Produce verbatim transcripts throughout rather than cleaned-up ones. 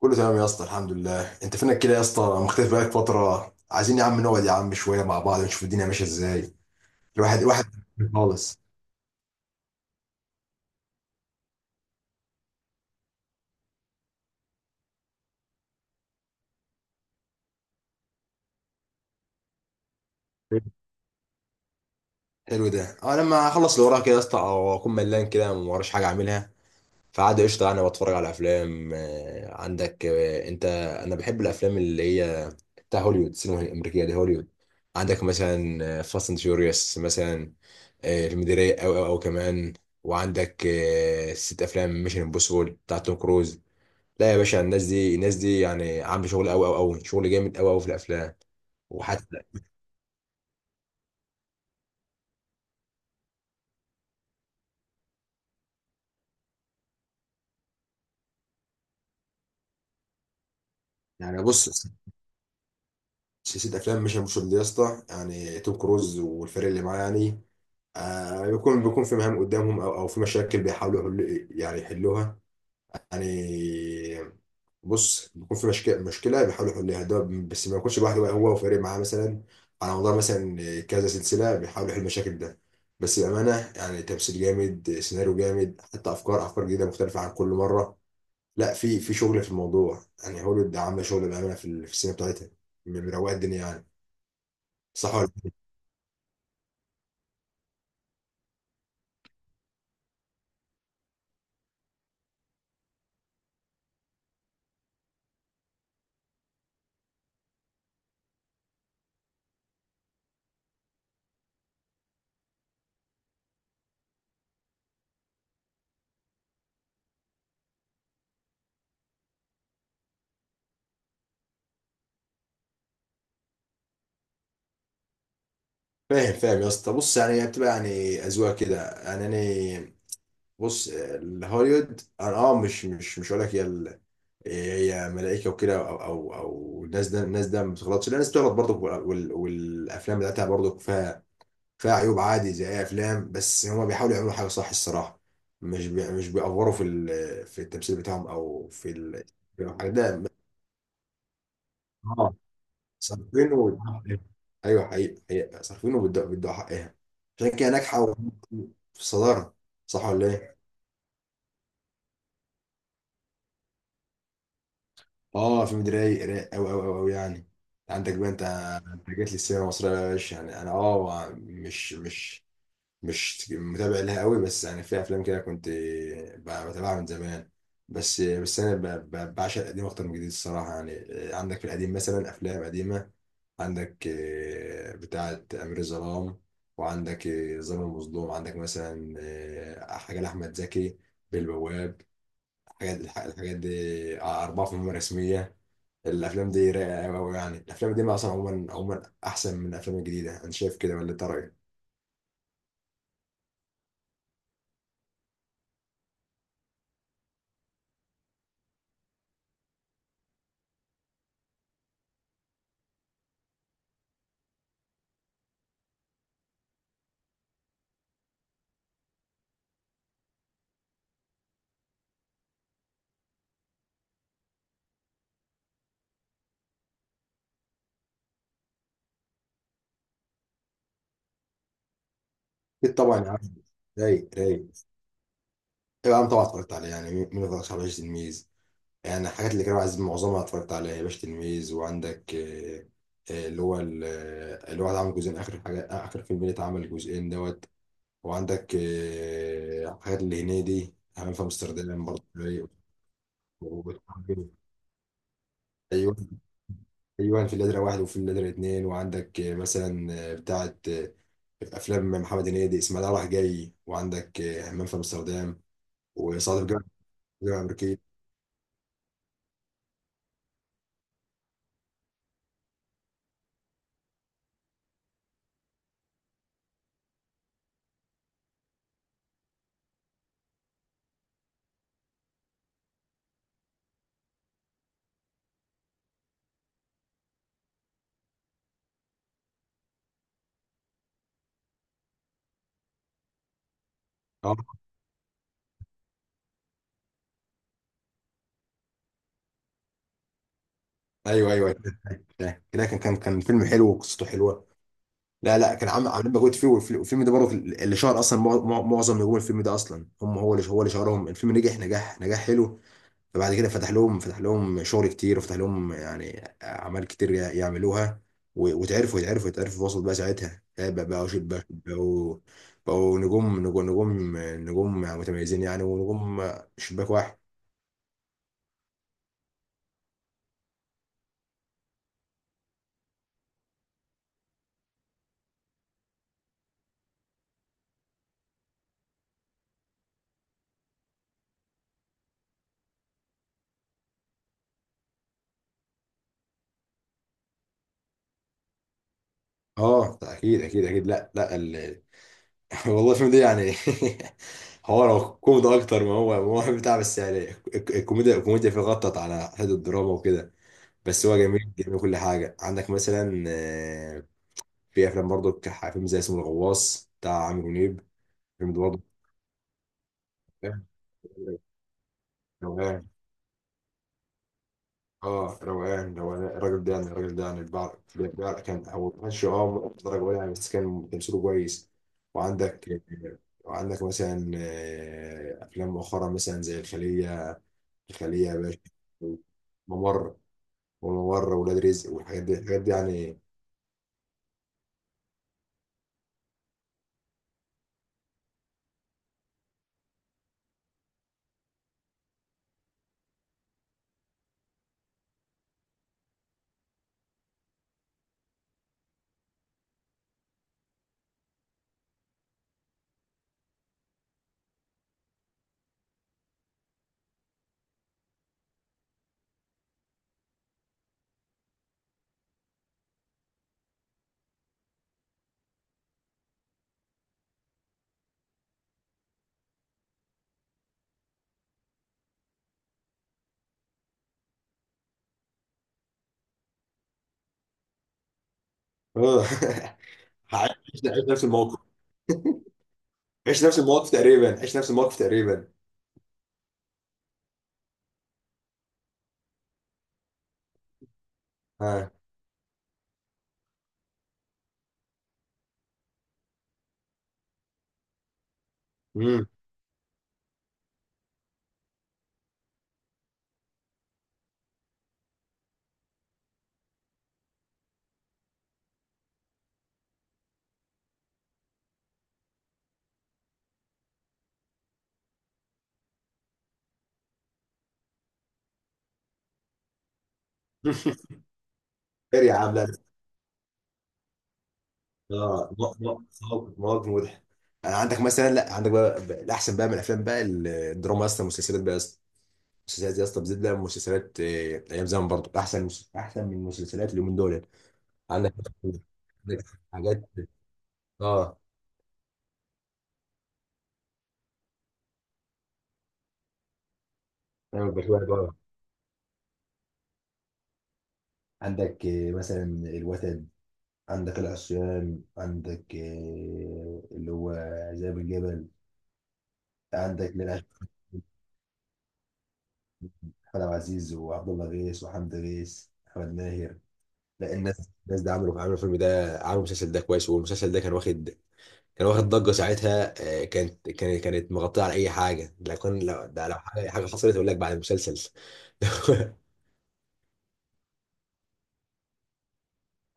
كله تمام يا اسطى، الحمد لله. انت فينك كده يا اسطى؟ مختفي بقالك فتره. عايزين يا عم نقعد يا عم شويه مع بعض، نشوف الدنيا ماشيه ازاي. الواحد الواحد خالص. حلو ده. انا لما اخلص اللي ورايا كده يا اسطى، او اكون ملان كده ما وراش حاجه اعملها، فعادي، قشطه. انا بتفرج على افلام آه، عندك، آه، انت. انا بحب الافلام اللي هي بتاع هوليوود، السينما الامريكيه دي، هوليوود. عندك مثلا آه، فاست اند فيوريوس مثلا، آه، فيلم ده رايق. او او او كمان وعندك آه، ست افلام ميشن امبوسيبل بتاع توم كروز. لا يا باشا، الناس دي الناس دي يعني عامله شغل قوي قوي قوي، شغل جامد قوي قوي في الافلام. وحتى يعني، بص، سلسله افلام مش مش دي يا اسطى يعني، توم كروز والفريق اللي معاه يعني، آه بيكون بيكون في مهام قدامهم، او او في مشاكل بيحاولوا يحلوا، يعني يحلوها يعني. بص، بيكون في مشك- مشكله بيحاولوا يحلوها ده، بس ما يكونش لوحده بقى، هو وفريق معاه مثلا، على مدار مثلا كذا سلسله بيحاولوا يحلوا المشاكل ده. بس بامانه يعني، تمثيل جامد، سيناريو جامد، حتى افكار افكار جديده مختلفه عن كل مره. لا، في في شغل في الموضوع يعني، هوليوود عامله شغل بامانه في ال- في السينما بتاعتها. م- مروقه الدنيا يعني، صح ولا لأ؟ فاهم فاهم يا اسطى. بص يعني، هي بتبقى يعني اذواق كده يعني. انا بص، الهوليوود انا اه، مش مش مش هقول لك هي هي ملائكه وكده، او او او الناس ده الناس ده ما بتغلطش، لا الناس بتغلط برضه، وال- والافلام بتاعتها برضه فيها فيها عيوب، عادي زي اي افلام. بس هما بيحاولوا يعملوا حاجه صح الصراحه، مش بي مش بيأفوروا في ال- في التمثيل بتاعهم او في ال- في الحاجات ده. اه، صارفينه وبيدوا حقها. ايوه، حقيقي حقيقي صارفينه، وبيدوا بيدوا حقها، عشان كده ناجحه و- في الصداره. صح ولا ايه؟ اه فيلم ده رايق رايق قوي قوي قوي يعني. عندك بقى انت، جات لي السينما المصرية يا باشا. يعني أنا أه، مش مش مش متابع لها قوي، بس يعني في أفلام كده كنت ب- بتابعها من زمان. بس بس أنا ب- ب- بعشق القديم أكتر من الجديد الصراحة يعني. عندك في القديم مثلا أفلام قديمة، عندك آه، بتاعة أمير الظلام، وعندك آه، ظالم المظلوم، عندك مثلا آه، حاجة لأحمد زكي، بالبواب. الحاجات الح- الحاجات دي آه، أربعة في المهمة الرسمية. الأفلام دي رايقة أوي أوي يعني. الأفلام دي أصلا عموما عموما أحسن من الأفلام الجديدة، أنا شايف كده، ولا أنت رأيك؟ أكيد طبعا يا عم. رايق رايق. أيوة، أنا طبعا اتفرجت عليه. يعني مين ما اتفرجش على باشا تلميذ؟ يعني الحاجات اللي كانوا عايزين معظمها اتفرجت عليها باشا تلميذ، وعندك آه، آه، اللي هو ال- آه، اللي هو عمل جزئين، آخر حاجة، آخر فيلم اللي اتعمل جزئين دوت. وعندك آه، حاجات اللي هنيدي همام في أمستردام برضه رايق. و- و- أيوة، ايوه، في النادرة واحد وفي النادرة اتنين، وعندك آه، مثلا آه، بتاعة آه، افلام محمد هنيدي، اسماعيل رايح جاي، وعندك آه، همام في امستردام، وصعيدي في الجامعة، الجامعة الامريكيه. اه، ايوه ايوه. كده كان كان كان فيلم حلو وقصته حلوه. لا لا، كان عامل عاملين مجهود فيه، والفيلم والفيلم ده برضه اللي شهر اصلا مع- مع- معظم نجوم الفيلم ده، اصلا هم، هو اللي هو اللي شهرهم. الفيلم نجح نجاح نجاح حلو، فبعد كده فتح لهم فتح لهم شغل كتير، وفتح لهم يعني اعمال كتير يع- يعملوها، و- واتعرفوا، يتعرفوا يتعرفوا في وسط بقى ساعتها يعني، بقى- بقوا شيء- بقوا بقوا بقوا نجوم، نجوم نجوم نجوم متميزين يعني، ونجوم شباك واحد. اه، اكيد اكيد اكيد، لا لا، ال... والله الفيلم ده يعني، هو لو كوميدي اكتر، ما هو ما هو بتاع بس يعني، الك- الكوميديا الكوميديا فيه غطت على حته الدراما وكده، بس هو جميل جميل، كل حاجه. عندك مثلا آه، في افلام برضه ك- فيلم زي اسمه الغواص بتاع عامر منيب. الفيلم ده برضه روقان. اه روقان روقان، الراجل ده يعني، الراجل ده يعني بيع- بيع- كان هو ما كانش اه درجه ولا يعني، بس كان تمثيله كويس. وعندك وعندك مثلا آه، افلام مؤخرا مثلا زي الخليه، الخليه يا باشا، ممر، وممر، ولاد رزق، والحاجات دي الحاجات دي يعني. اه عايش، عايش نفس الموقف، عيش نفس الموقف تقريبا، عيش نفس الموقف تقريبا. ها. مم. غير يا عم، لا لا. اه، م- م- مواقف، مواقف مضحك. آه، عندك مثلا، لا عندك بقى بقى الاحسن بقى من الافلام بقى، ال- الدراما يا اسطى، المسلسلات بقى يا اسطى، المسلسلات يا اسطى، بالذات بقى المسلسلات آه، ايام زمان برضو احسن مس- احسن من المسلسلات اللي من دول. عندك عندك حاجات، اه. أيوة، بشوية بقى. عندك آه، مثلا الوتد، عندك العصيان، عندك آه، اللي هو ذئب الجبل، عندك لنا، احمد عبد العزيز، وعبد الله غيث، وحمد غيث، احمد ماهر. لا، الناس الناس ده عملوا عملوا الفيلم ده، عملوا المسلسل ده كويس، والمسلسل ده كان واخد كان واخد ضجة ساعتها. آه، كانت كانت كانت مغطية على أي حاجة. لو كان، لو ده، لو حاجة حاجة حصلت أقول لك، بعد المسلسل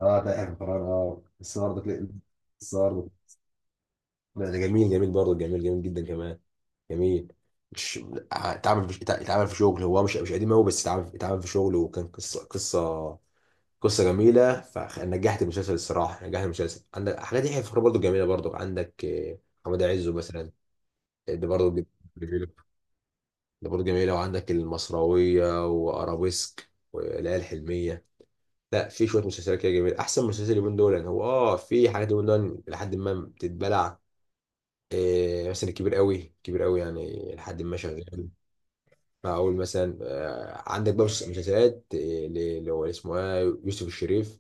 اه ده اخر قرار. اه بس برضه، بس برضه لا ده جميل جميل برضه، جميل جميل جدا كمان، جميل. مش، اتعمل في اتعمل في شغل، هو مش مش قديم قوي، بس اتعمل اتعمل في شغل، وكان قصة قصة قصه جميله، فنجحت المسلسل الصراحه، نجحت المسلسل. عندك حاجات يحيى الفخراني برضو جميله، برضو عندك آه، حماد عزه مثلا، آه، ده برضو جد- جميله، ده برضو جميله، وعندك المصراويه، وارابيسك، والليالي الحلميه. لا في شويه مسلسلات كده جميله. احسن مسلسل اليومين دول يعني، هو اه في حاجات اليومين دول لحد ما بتتبلع، آه، مثلا الكبير قوي، كبير قوي يعني، لحد ما شغال. فاقول مثلا آه، عندك بقى مسلسلات آه، ل- اللي هو اسمه إيه، يوسف الشريف،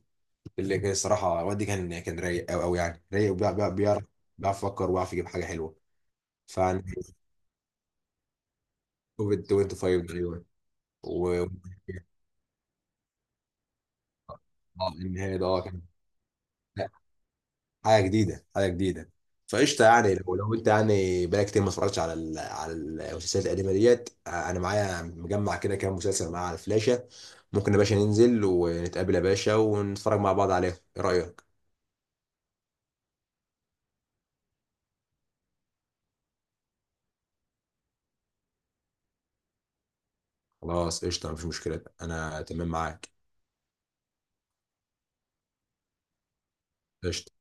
اللي كان الصراحه والدي، كان كان رايق قوي قوي يعني، رايق، وبيع- بيع- بيعرف بيعرف يفكر، وبيعرف يجيب حاجه حلوه. فعن كوفيد خمسة وعشرين ده، ايوه. و آه، النهايه ده اه كان، لا، حاجه جديده، حاجه جديده. فقشطه يعني، لو لو انت يعني بقالك كتير ما اتفرجتش على ال- على المسلسلات القديمه ديت، آه، انا معايا مجمع كده كام مسلسل معايا على الفلاشه. ممكن يا باشا ننزل ونتقابل يا باشا ونتفرج مع بعض عليهم، ايه رايك؟ خلاص قشطه، مفيش مشكله، انا تمام معاك. قشطه.